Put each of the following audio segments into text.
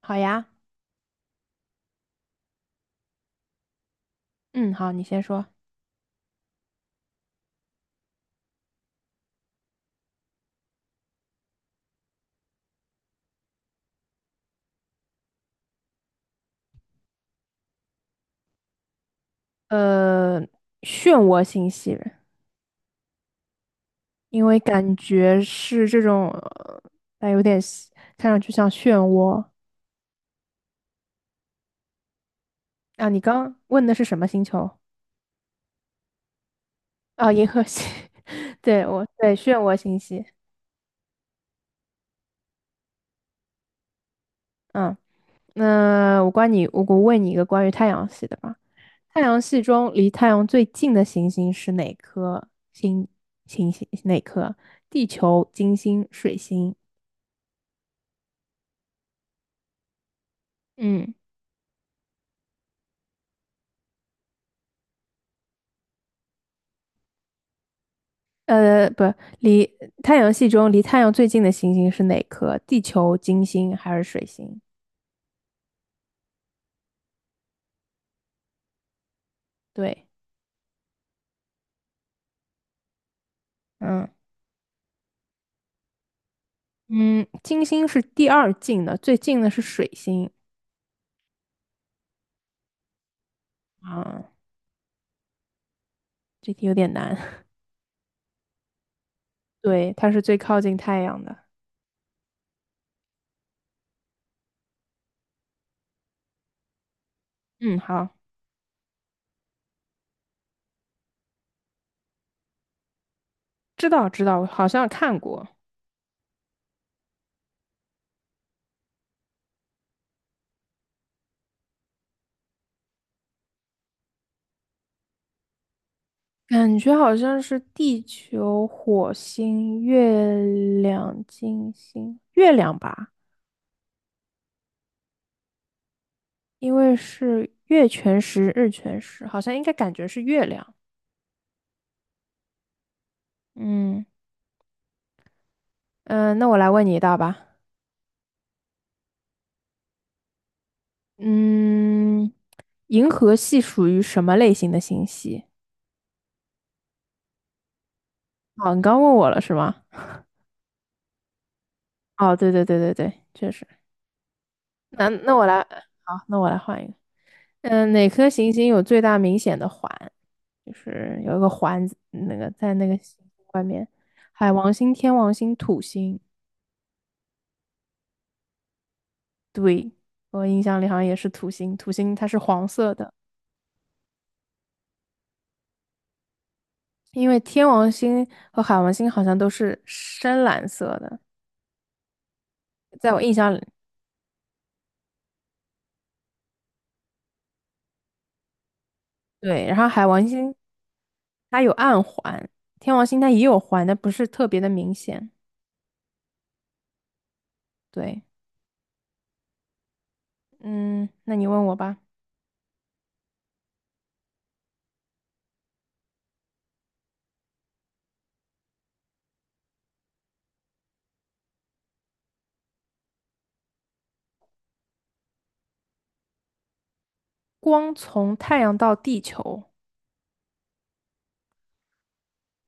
好呀，嗯，好，你先说。呃，漩涡星系，因为感觉是这种，但有点像看上去像漩涡啊。你刚问的是什么星球？啊，银河系。对，我对漩涡星系。嗯，那我问你一个关于太阳系的吧。太阳系中离太阳最近的行星是哪颗星？行星哪颗？地球、金星、水星？嗯。不，离太阳系中离太阳最近的行星是哪颗？地球、金星还是水星？对，嗯嗯，金星是第二近的，最近的是水星。啊，这题有点难。对，它是最靠近太阳的。嗯，好，知道知道，好像看过，感觉好像是地球、火星、月亮、金星、月亮吧，因为是月全食、日全食，好像应该感觉是月亮。嗯。嗯、那我来问你一道吧。嗯，银河系属于什么类型的星系？哦，你刚问我了是吗？哦，对对对对对，确实。那那我来，好，那我来换一个。嗯，哪颗行星有最大明显的环？就是有一个环子那个在那个行星外面，海王星、天王星、土星。对，我印象里好像也是土星，土星它是黄色的，因为天王星和海王星好像都是深蓝色的，在我印象里。对，然后海王星它有暗环，天王星它也有环，但不是特别的明显。对，嗯，那你问我吧，光从太阳到地球，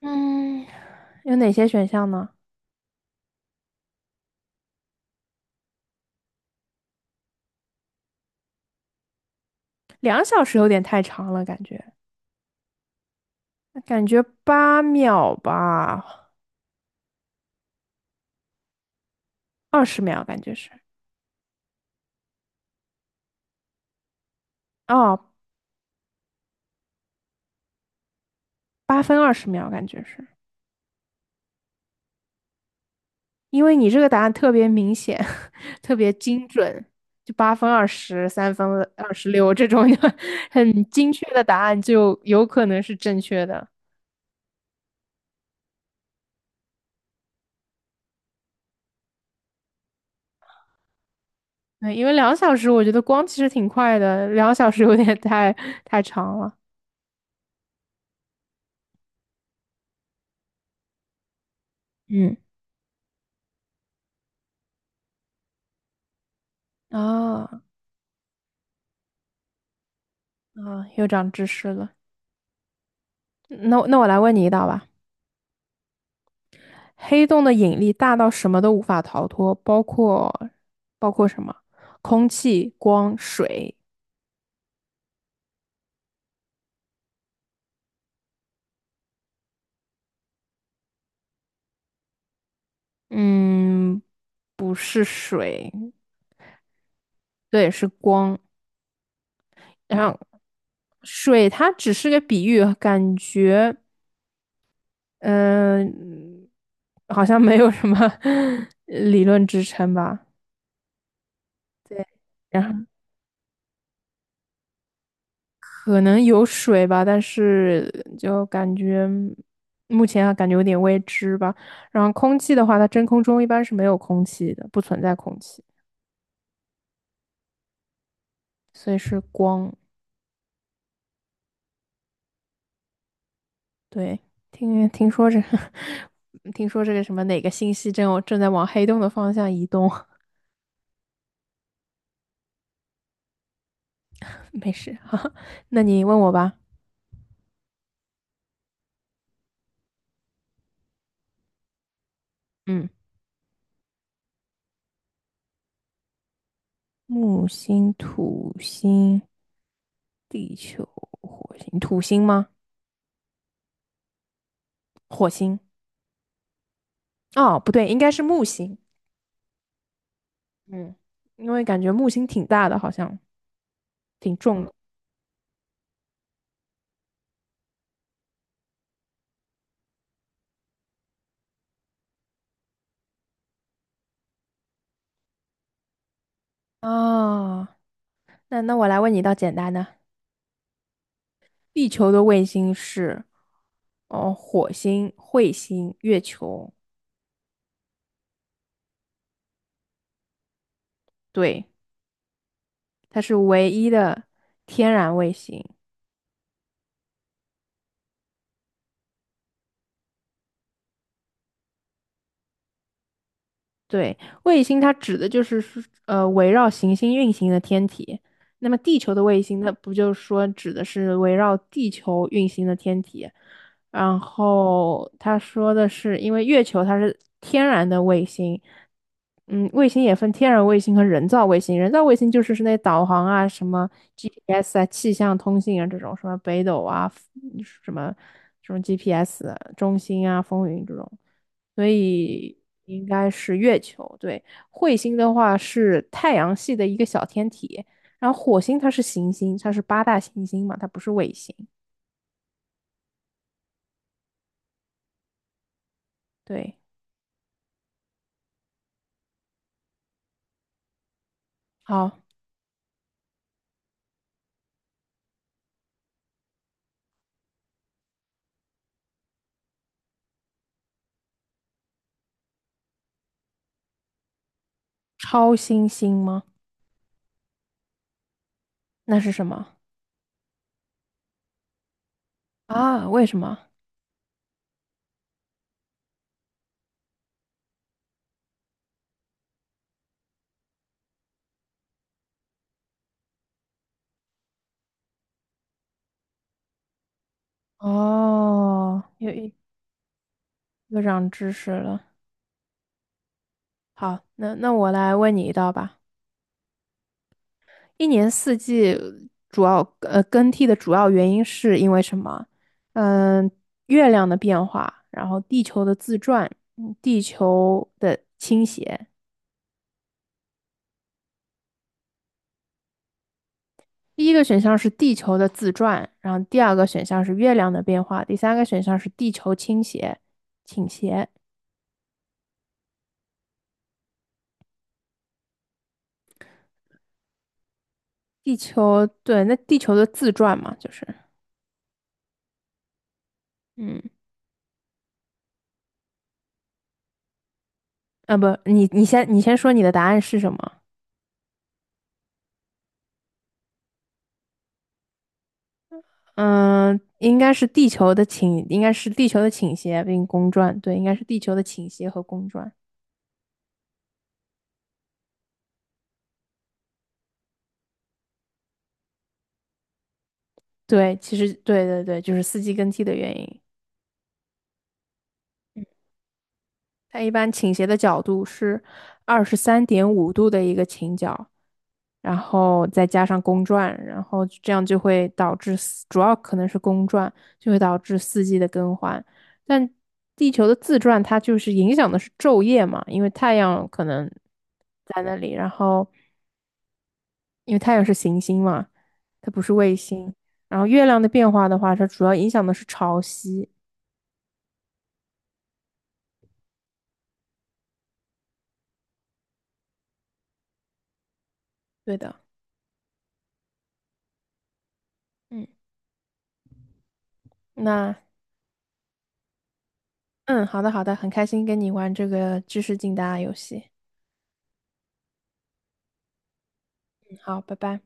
嗯，有哪些选项呢？两小时有点太长了，感觉8秒吧，二十秒感觉是，哦，8分20秒感觉是，因为你这个答案特别明显，特别精准，就八分、23分、26这种 很精确的答案，就有可能是正确的。对，因为两小时我觉得光其实挺快的，两小时有点太长了。嗯，啊啊，又长知识了。那我来问你一道吧，黑洞的引力大到什么都无法逃脱，包括什么？空气、光、水、嗯，不是水，对，是光。然后水它只是个比喻，感觉嗯、好像没有什么 理论支撑吧。对，然后可能有水吧，但是就感觉目前啊感觉有点未知吧。然后空气的话，它真空中一般是没有空气的，不存在空气，所以是光。对，听说这个，听说这个什么哪个星系正在往黑洞的方向移动，没事，哈，哈。那你问我吧。嗯，木星、土星、地球、火星，土星吗？火星？哦，不对，应该是木星。嗯，因为感觉木星挺大的，好像挺重的。啊。那我来问你一道简单的，地球的卫星是，哦，火星、彗星、月球，对。它是唯一的天然卫星。对，卫星它指的就是说围绕行星运行的天体。那么地球的卫星，那不就是说指的是围绕地球运行的天体？然后他说的是，因为月球它是天然的卫星，嗯，卫星也分天然卫星和人造卫星。人造卫星就是那导航啊、什么 GPS 啊、气象通信啊这种，什么北斗啊、什么什么 GPS 中心啊、风云这种。所以应该是月球。对，彗星的话是太阳系的一个小天体，然后火星它是行星，它是八大行星嘛，它不是卫星。对，好，超新星吗？那是什么啊？为什么？哦，又长知识了。好，那我来问你一道吧。一年四季主要更替的主要原因是因为什么？嗯，月亮的变化，然后地球的自转，地球的倾斜。第一个选项是地球的自转，然后第二个选项是月亮的变化，第三个选项是地球倾斜，倾斜。地球，对，那地球的自转嘛，就是，嗯，啊不，你先说你的答案是什么？嗯，应该是地球的倾斜并公转，对，应该是地球的倾斜和公转。对，其实对对对，就是四季更替的原因。它一般倾斜的角度是23.5度的一个倾角，然后再加上公转，然后这样就会导致主要可能是公转，就会导致四季的更换。但地球的自转，它就是影响的是昼夜嘛，因为太阳可能在那里，然后。因为太阳是行星嘛，它不是卫星。然后月亮的变化的话，它主要影响的是潮汐。对的，嗯，那嗯，好的好的，很开心跟你玩这个知识竞答游戏。嗯，好，拜拜。